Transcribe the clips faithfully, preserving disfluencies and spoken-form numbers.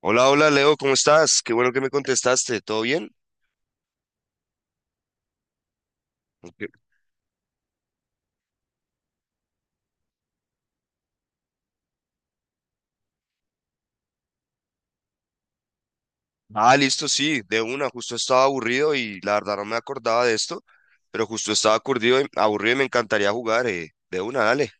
Hola, hola Leo, ¿cómo estás? Qué bueno que me contestaste, ¿todo bien? Ok. Ah, listo, sí, de una, justo estaba aburrido y la verdad no me acordaba de esto, pero justo estaba aburrido y, aburrido y me encantaría jugar, eh, de una, dale.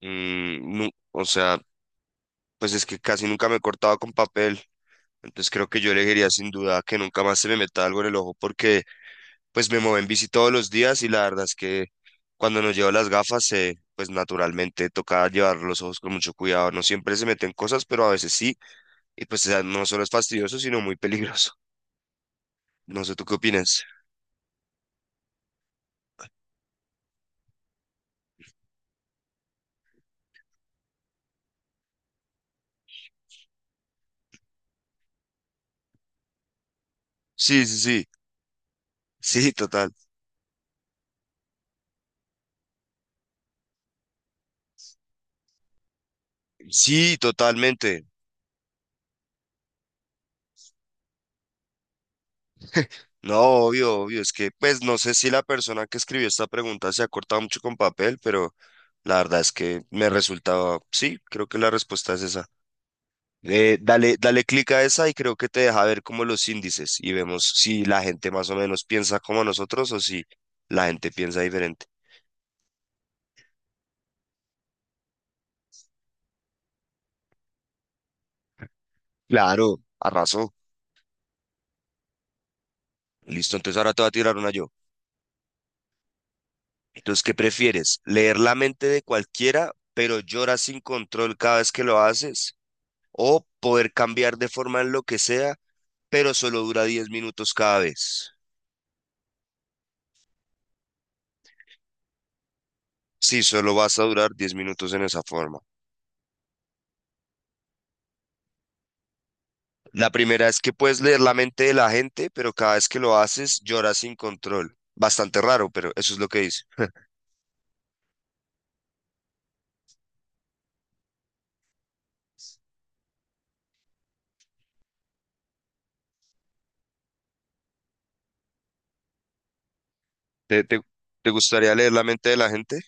Mm, nu- o sea, pues es que casi nunca me he cortado con papel, entonces creo que yo elegiría sin duda que nunca más se me meta algo en el ojo porque pues me muevo en bici todos los días y la verdad es que cuando nos llevo las gafas, eh, pues naturalmente toca llevar los ojos con mucho cuidado, no siempre se meten cosas, pero a veces sí. Y pues o sea, no solo es fastidioso, sino muy peligroso. No sé, ¿tú qué opinas? Sí, sí, sí. Sí, total. Sí, totalmente. No, obvio, obvio. Es que, pues, no sé si la persona que escribió esta pregunta se ha cortado mucho con papel, pero la verdad es que me resultaba, sí, creo que la respuesta es esa. Eh, dale, dale clic a esa y creo que te deja ver como los índices y vemos si la gente más o menos piensa como nosotros o si la gente piensa diferente. Claro, arrasó. Listo, entonces ahora te voy a tirar una yo. Entonces, ¿qué prefieres? ¿Leer la mente de cualquiera, pero lloras sin control cada vez que lo haces? ¿O poder cambiar de forma en lo que sea, pero solo dura diez minutos cada vez? Sí, solo vas a durar diez minutos en esa forma. La primera es que puedes leer la mente de la gente, pero cada vez que lo haces lloras sin control. Bastante raro, pero eso es lo que dice. ¿Te, te, te gustaría leer la mente de la gente?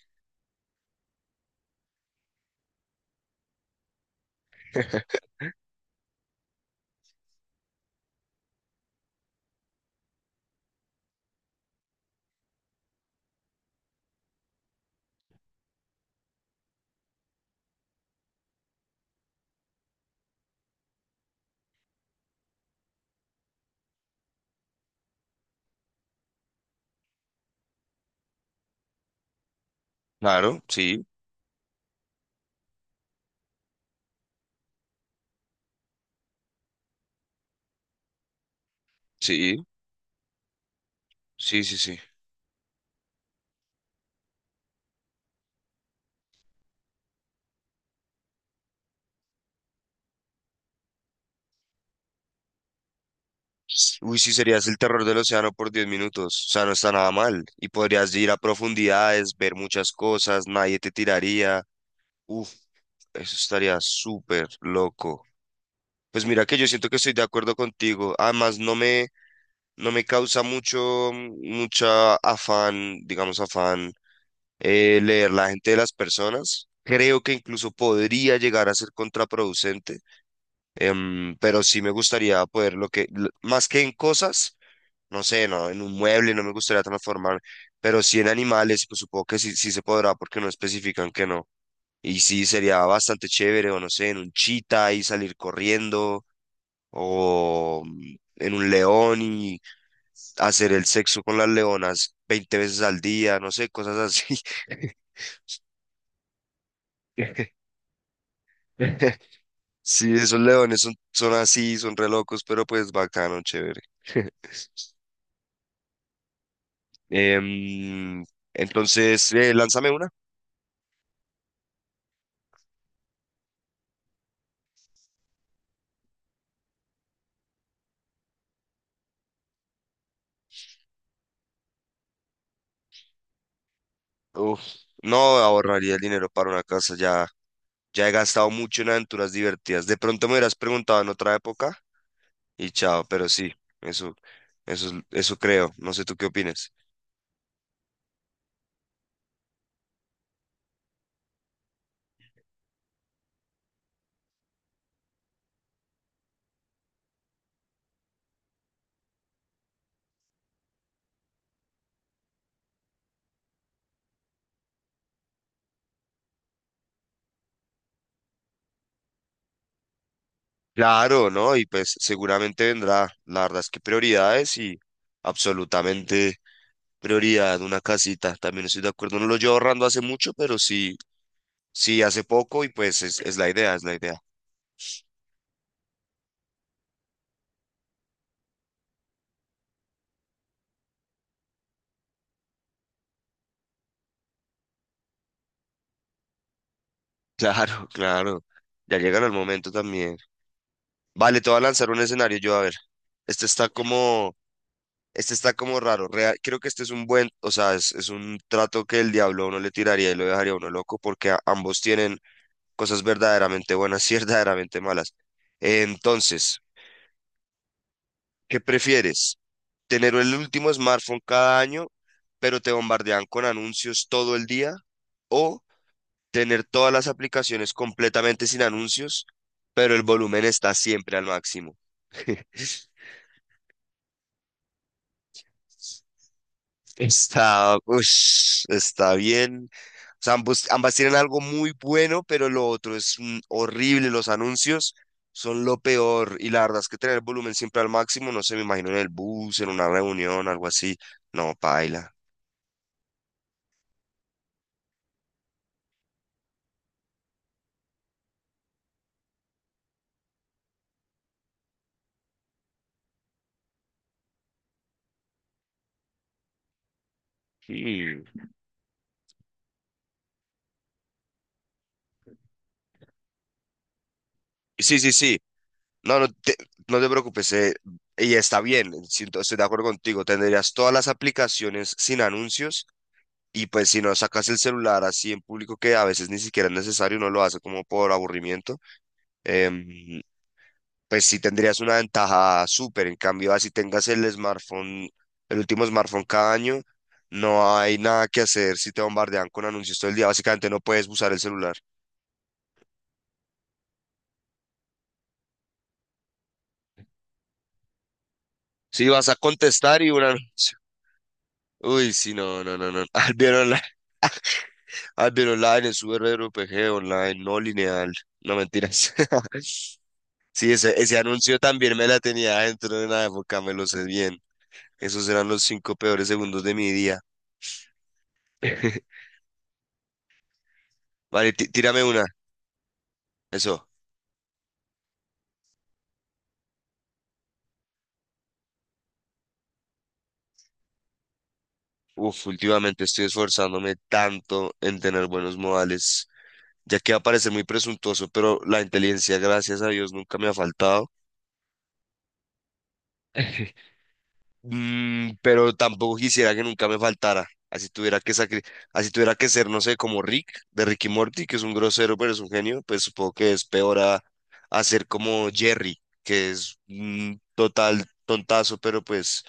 Claro, sí, sí, sí, sí, sí. Uy, sí, serías el terror del océano por diez minutos. O sea, no está nada mal. Y podrías ir a profundidades, ver muchas cosas, nadie te tiraría. Uf, eso estaría súper loco. Pues mira que yo siento que estoy de acuerdo contigo. Además, no me, no me causa mucho, mucha afán, digamos afán, eh, leer la gente de las personas. Creo que incluso podría llegar a ser contraproducente, em, pero sí me gustaría poder lo que, l- más que en cosas. No sé, no, en un mueble no me gustaría transformar, pero sí en animales, pues supongo que sí, sí se podrá porque no especifican que no. Y sí sería bastante chévere, o no sé, en un chita y salir corriendo, o mm, en un león y hacer el sexo con las leonas veinte veces al día, no sé, cosas así. Sí, esos leones son, son así, son re locos, pero pues bacano, chévere. Em, entonces, eh, lánzame una. Uf, no ahorraría el dinero para una casa, ya, ya he gastado mucho en aventuras divertidas. De pronto me hubieras preguntado en otra época y chao, pero sí, eso, eso, es- eso creo. No sé tú qué opinas. Claro, ¿no? Y pues seguramente vendrá. La verdad es que prioridades y absolutamente prioridad una casita. También estoy de acuerdo. No lo llevo ahorrando hace mucho, pero sí, sí hace poco y pues es, es la idea, es la idea. Claro, claro. Ya llegará el momento también. Vale, te voy a lanzar un escenario yo, a ver. Este está como, este está como raro. Rea- creo que este es un buen, o sea, es, es un trato que el diablo a uno le tiraría y lo dejaría a uno loco porque a- ambos tienen cosas verdaderamente buenas y verdaderamente malas. Entonces, ¿qué prefieres? ¿Tener el último smartphone cada año, pero te bombardean con anuncios todo el día? ¿O tener todas las aplicaciones completamente sin anuncios, pero el volumen está siempre al máximo? Está, ush, está bien. O sea, ambos, ambas tienen algo muy bueno, pero lo otro es mm, horrible. Los anuncios son lo peor. Y la verdad es que tener el volumen siempre al máximo, no sé, me imagino en el bus, en una reunión, algo así. No, paila. Mm. Sí, sí, sí. No, no te, no te preocupes. eh, y está bien. siento- estoy de acuerdo contigo. Tendrías todas las aplicaciones sin anuncios. Y pues si no sacas el celular así en público, que a veces ni siquiera es necesario, no lo hace como por aburrimiento, em, pues sí tendrías una ventaja súper. En cambio, así tengas el smartphone, el último smartphone cada año, no hay nada que hacer si te bombardean con anuncios todo el día. Básicamente no puedes usar el celular. Si vas a contestar y un anuncio. Uy, sí, no, no, no, no. Albion Online, Albion Online, el Super R P G Online, no lineal. No mentiras. Sí, ese, ese anuncio también me la tenía dentro de una época, me lo sé bien. Esos eran los cinco peores segundos de mi día. Vale, tí- tírame una. Eso. Uf, últimamente estoy esforzándome tanto en tener buenos modales, ya que va a parecer muy presuntuoso, pero la inteligencia, gracias a Dios, nunca me ha faltado. Mm, pero tampoco quisiera que nunca me faltara. Así tuviera que sacri- así tuviera que ser, no sé, como Rick, de Rick y Morty, que es un grosero, pero es un genio, pues supongo que es peor a, a ser como Jerry, que es un total tontazo, pero pues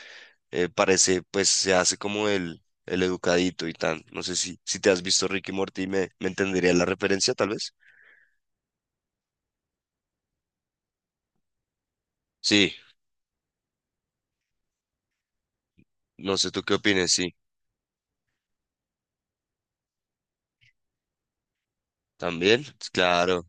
eh, parece, pues se hace como el, el educadito y tan. No sé si, si te has visto Ricky Morty, me, me entendería la referencia, tal vez. Sí, no sé tú qué opines, sí. También, claro.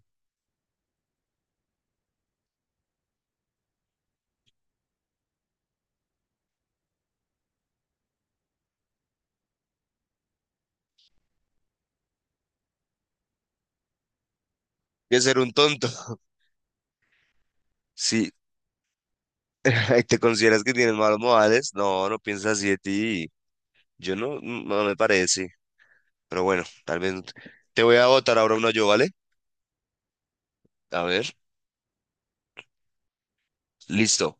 Que ser un tonto. Sí, ¿te consideras que tienes malos modales? No, no piensas así de ti. Yo no, no me parece. Pero bueno, tal vez te voy a votar ahora uno yo, ¿vale? A ver, listo.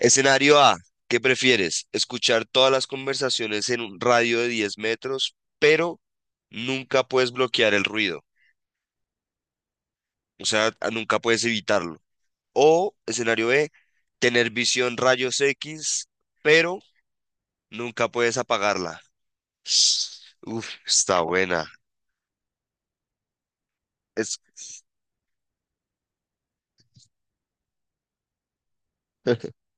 Escenario A, ¿qué prefieres? ¿Escuchar todas las conversaciones en un radio de diez metros, pero nunca puedes bloquear el ruido? O sea, a- nunca puedes evitarlo. O escenario B, tener visión rayos equis, pero nunca puedes apagarla. Uf, está buena. Es...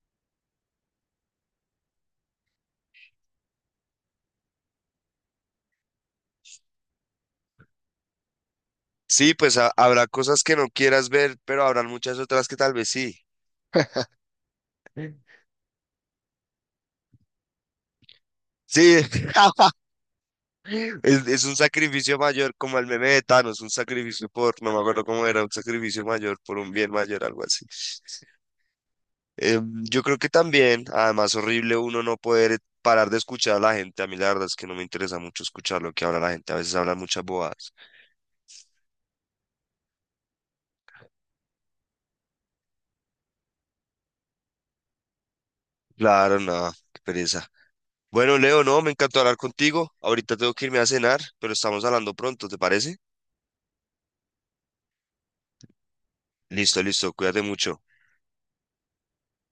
Sí, pues ha- habrá cosas que no quieras ver, pero habrán muchas otras que tal vez sí. Sí. Es, es un sacrificio mayor, como el meme de Thanos, un sacrificio por, no me acuerdo cómo era, un sacrificio mayor por un bien mayor, algo así. Em, yo creo que también, además, horrible uno no poder parar de escuchar a la gente. A mí la verdad es que no me interesa mucho escuchar lo que habla la gente. A veces hablan muchas bobadas. Claro, no, qué pereza. Bueno, Leo, no, me encantó hablar contigo. Ahorita tengo que irme a cenar, pero estamos hablando pronto, ¿te parece? Listo, listo, cuídate mucho.